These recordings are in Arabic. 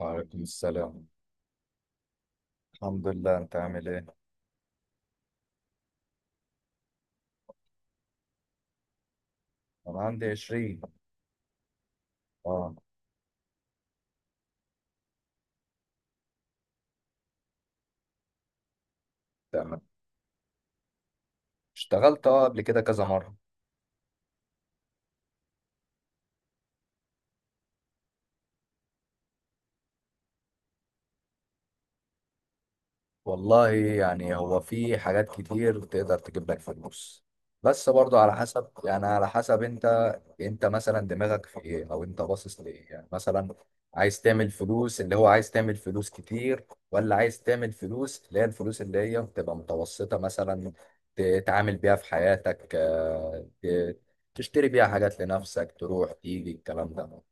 وعليكم السلام. الحمد لله، انت عامل ايه؟ انا عندي 20. اه، تمام. اشتغلت، اه، قبل كده كذا مرة. والله، يعني هو في حاجات كتير تقدر تجيب لك فلوس، بس برضه على حسب، يعني على حسب انت مثلا دماغك في ايه، او انت باصص لايه يعني. مثلا عايز تعمل فلوس، اللي هو عايز تعمل فلوس كتير، ولا عايز تعمل فلوس اللي هي الفلوس اللي هي بتبقى متوسطة مثلا تتعامل بيها في حياتك. تشتري بيها حاجات لنفسك، تروح تيجي، الكلام ده.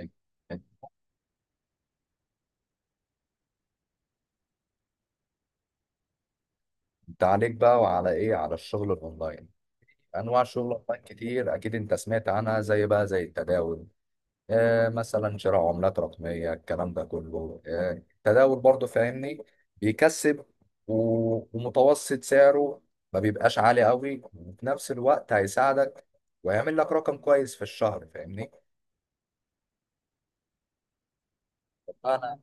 انت انت عليك بقى، وعلى ايه؟ على الشغل الاونلاين. انواع شغل اونلاين كتير، اكيد انت سمعت عنها، زي بقى، زي التداول. آه، مثلا شراء عملات رقميه، الكلام ده كله. آه، التداول برضو فاهمني، بيكسب. ومتوسط سعره ما بيبقاش عالي قوي، وفي نفس الوقت هيساعدك ويعمل لك رقم كويس في الشهر، فاهمني. انا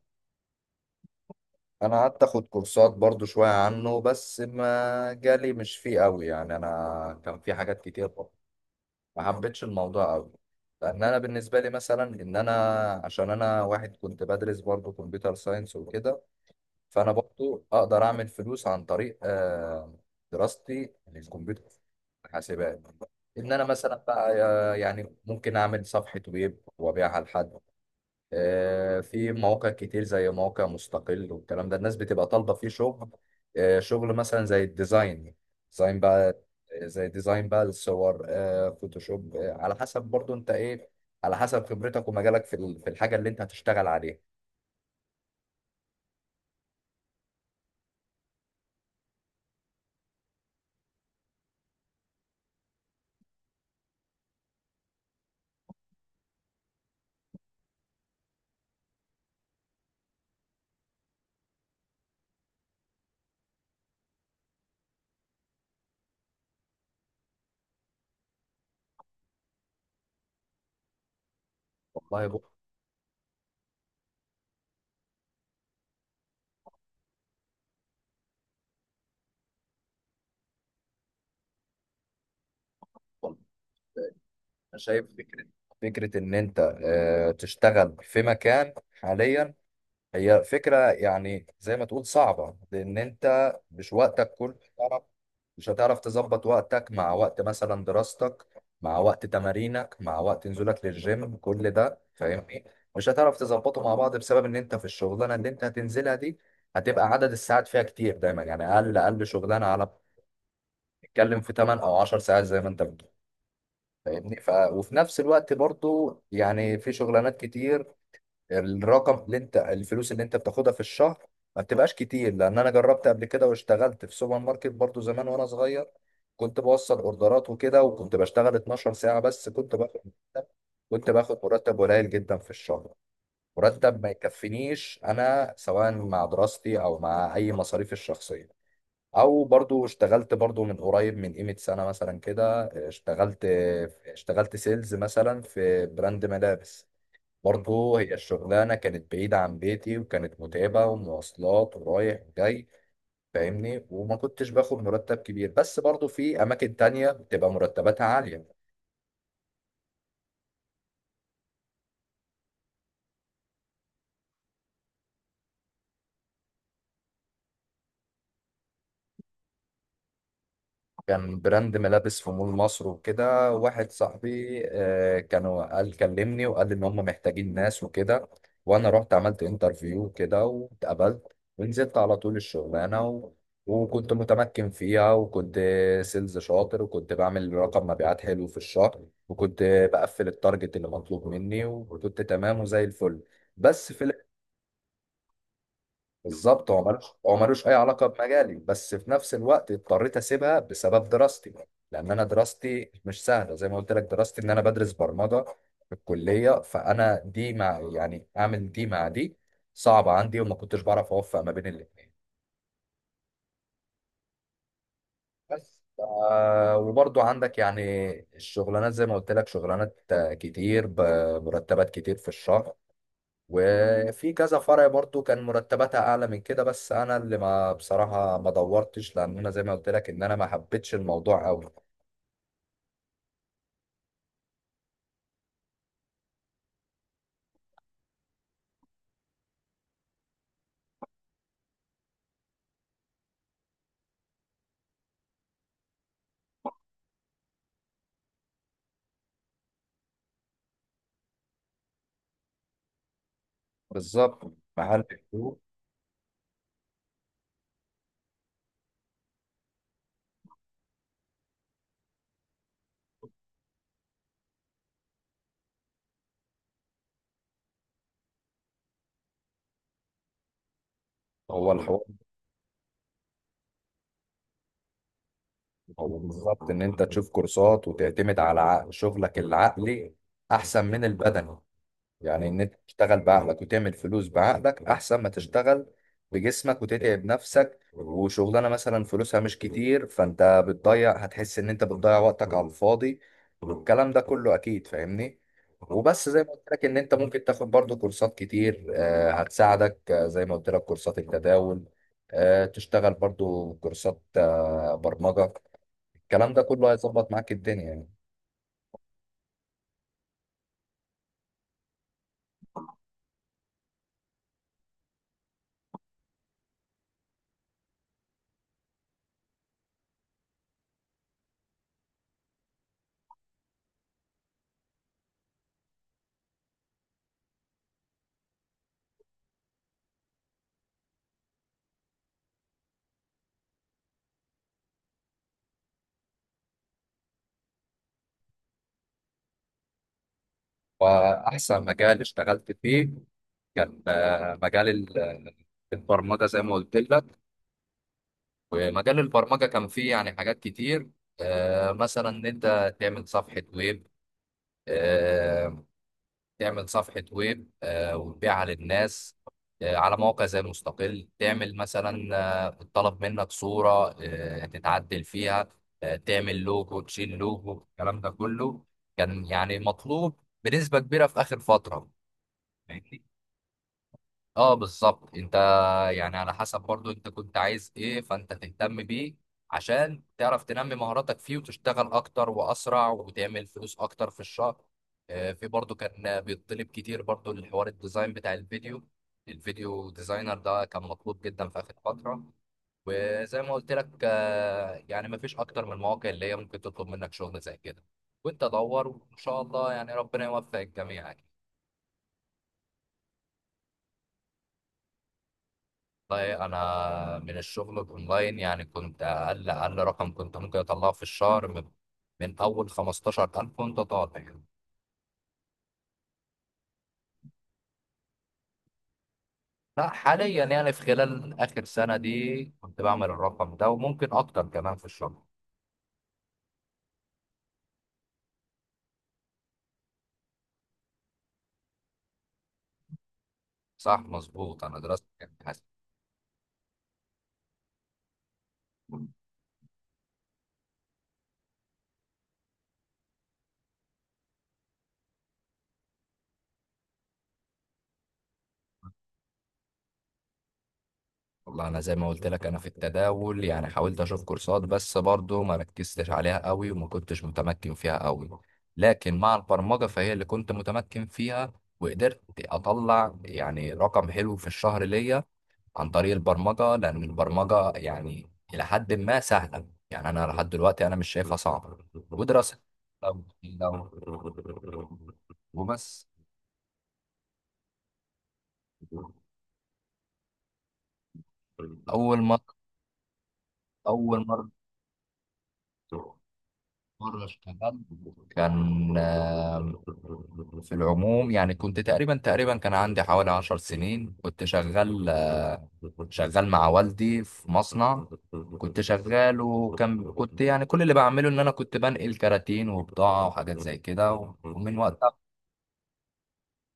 انا قعدت اخد كورسات برضو شويه عنه، بس ما جالي مش فيه قوي يعني، انا كان في حاجات كتير. ما حبيتش الموضوع قوي، لان انا بالنسبه لي مثلا، ان انا، عشان انا واحد كنت بدرس برضه كمبيوتر ساينس وكده. فانا برضه اقدر اعمل فلوس عن طريق دراستي للكمبيوتر، حاسبات. ان انا مثلا بقى يعني ممكن اعمل صفحه ويب وابيعها لحد. في مواقع كتير زي موقع مستقل والكلام ده، الناس بتبقى طالبة فيه شغل. شغل مثلا زي الديزاين، ديزاين بقى. زي ديزاين بقى للصور، فوتوشوب. على حسب برضو انت ايه، على حسب خبرتك ومجالك في الحاجة اللي انت هتشتغل عليها. والله بص، انا شايف فكرة ان انت تشتغل في مكان حاليا. هي فكرة يعني زي ما تقول صعبة، لأن أنت مش وقتك كله هتعرف. مش هتعرف تظبط وقتك مع وقت مثلا دراستك، مع وقت تمارينك، مع وقت نزولك للجيم، كل ده فاهمني. مش هتعرف تظبطه مع بعض، بسبب إن أنت في الشغلانة اللي أنت هتنزلها دي هتبقى عدد الساعات فيها كتير دايما، يعني أقل أقل شغلانة على بتتكلم في 8 أو 10 ساعات زي ما أنت بتقول، فاهمني. وفي نفس الوقت برضو، يعني في شغلانات كتير، الرقم اللي انت، الفلوس اللي انت بتاخدها في الشهر ما بتبقاش كتير. لان انا جربت قبل كده واشتغلت في سوبر ماركت برضو زمان وانا صغير، كنت بوصل اوردرات وكده، وكنت بشتغل 12 ساعة، بس كنت باخد مرتب قليل جدا في الشهر، مرتب ما يكفينيش انا، سواء مع دراستي او مع اي مصاريف الشخصية. او برضو اشتغلت، برضو من قريب، من قيمة سنة مثلا كده اشتغلت سيلز مثلا في براند ملابس. برضه هي الشغلانة كانت بعيدة عن بيتي، وكانت متعبة، ومواصلات ورايح وجاي، فاهمني. وما كنتش باخد مرتب كبير، بس برضه في أماكن تانية بتبقى مرتباتها عالية. كان براند ملابس في مول مصر وكده، واحد صاحبي كانوا قال كلمني وقال لي ان هم محتاجين ناس وكده، وانا رحت عملت انترفيو كده واتقبلت، ونزلت على طول الشغلانه وكنت متمكن فيها، وكنت سيلز شاطر، وكنت بعمل رقم مبيعات حلو في الشهر، وكنت بقفل التارجت اللي مطلوب مني، وكنت تمام وزي الفل. بس في، بالظبط هو ملوش اي علاقه بمجالي، بس في نفس الوقت اضطريت اسيبها بسبب دراستي. لان انا دراستي مش سهله زي ما قلت لك، دراستي ان انا بدرس برمجه في الكليه، فانا دي مع يعني اعمل دي مع دي صعبه عندي، وما كنتش بعرف اوفق ما بين الاثنين. بس وبرضو عندك يعني الشغلانات زي ما قلت لك، شغلانات كتير بمرتبات كتير في الشهر، وفي كذا فرع برضو كان مرتباتها اعلى من كده، بس انا اللي ما بصراحه ما دورتش، لان انا زي ما قلت لك ان انا ما حبيتش الموضوع قوي. بالظبط، محل هدوء. هو الحوار. هو بالظبط ان انت تشوف كورسات وتعتمد على شغلك العقلي احسن من البدني. يعني ان انت تشتغل بعقلك وتعمل فلوس بعقلك، احسن ما تشتغل بجسمك وتتعب نفسك، وشغلانه مثلا فلوسها مش كتير، فانت بتضيع، هتحس ان انت بتضيع وقتك على الفاضي، والكلام ده كله اكيد فاهمني. وبس زي ما قلت لك، ان انت ممكن تاخد برضو كورسات كتير هتساعدك. زي ما قلت لك كورسات التداول، تشتغل برضو كورسات برمجة. الكلام ده كله هيظبط معاك الدنيا يعني. واحسن مجال اشتغلت فيه كان آه، مجال ال- آه، البرمجة زي ما قلت لك. ومجال البرمجة كان فيه يعني حاجات كتير. مثلا إن أنت آه، تعمل صفحة ويب، وتبيعها للناس على موقع زي مستقل. تعمل مثلا الطلب منك صورة تتعدل فيها، تعمل لوجو، تشيل لوجو، الكلام ده كله كان يعني مطلوب بنسبة كبيرة في آخر فترة. اه بالظبط انت، يعني على حسب برضو انت كنت عايز ايه فانت تهتم بيه، عشان تعرف تنمي مهاراتك فيه، وتشتغل اكتر واسرع، وتعمل فلوس اكتر في الشهر. في برضو كان بيطلب كتير برضو الحوار الديزاين بتاع الفيديو، الفيديو ديزاينر ده كان مطلوب جدا في اخر فترة. وزي ما قلت لك يعني مفيش اكتر من المواقع اللي هي ممكن تطلب منك شغل زي كده. وانت دور، وان شاء الله يعني، ربنا يوفق الجميع يعني. والله انا من الشغل اونلاين يعني كنت اقل اقل رقم كنت ممكن اطلعه في الشهر، من اول 15,000 وانت طالع. لا، حاليا يعني في خلال اخر سنه دي كنت بعمل الرقم ده، وممكن اكتر كمان في الشهر. صح مظبوط، انا درست. والله انا زي ما قلت لك، انا في التداول يعني حاولت اشوف كورسات، بس برضو ما ركزتش عليها قوي، وما كنتش متمكن فيها قوي. لكن مع البرمجة فهي اللي كنت متمكن فيها، وقدرت اطلع يعني رقم حلو في الشهر ليا عن طريق البرمجة. لان البرمجة يعني الى حد ما سهلة يعني، انا لحد دلوقتي انا مش شايفها صعبة. ودراسة. لو وبس. اول مرة اول مرة اشتغلت كان في العموم، يعني كنت تقريبا كان عندي حوالي 10 سنين كنت شغال، شغال مع والدي في مصنع. كنت شغال كنت يعني كل اللي بعمله ان انا كنت بنقل كراتين وبضاعة وحاجات زي كده، ومن وقتها.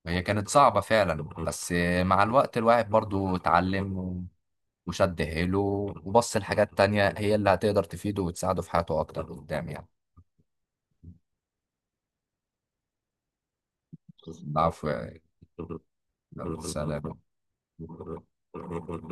هي كانت صعبة فعلا، بس مع الوقت الواحد برضو اتعلم وشد حيله، وبص لحاجات تانية هي اللي هتقدر تفيده وتساعده في حياته أكتر قدام يعني. العفو. السلام.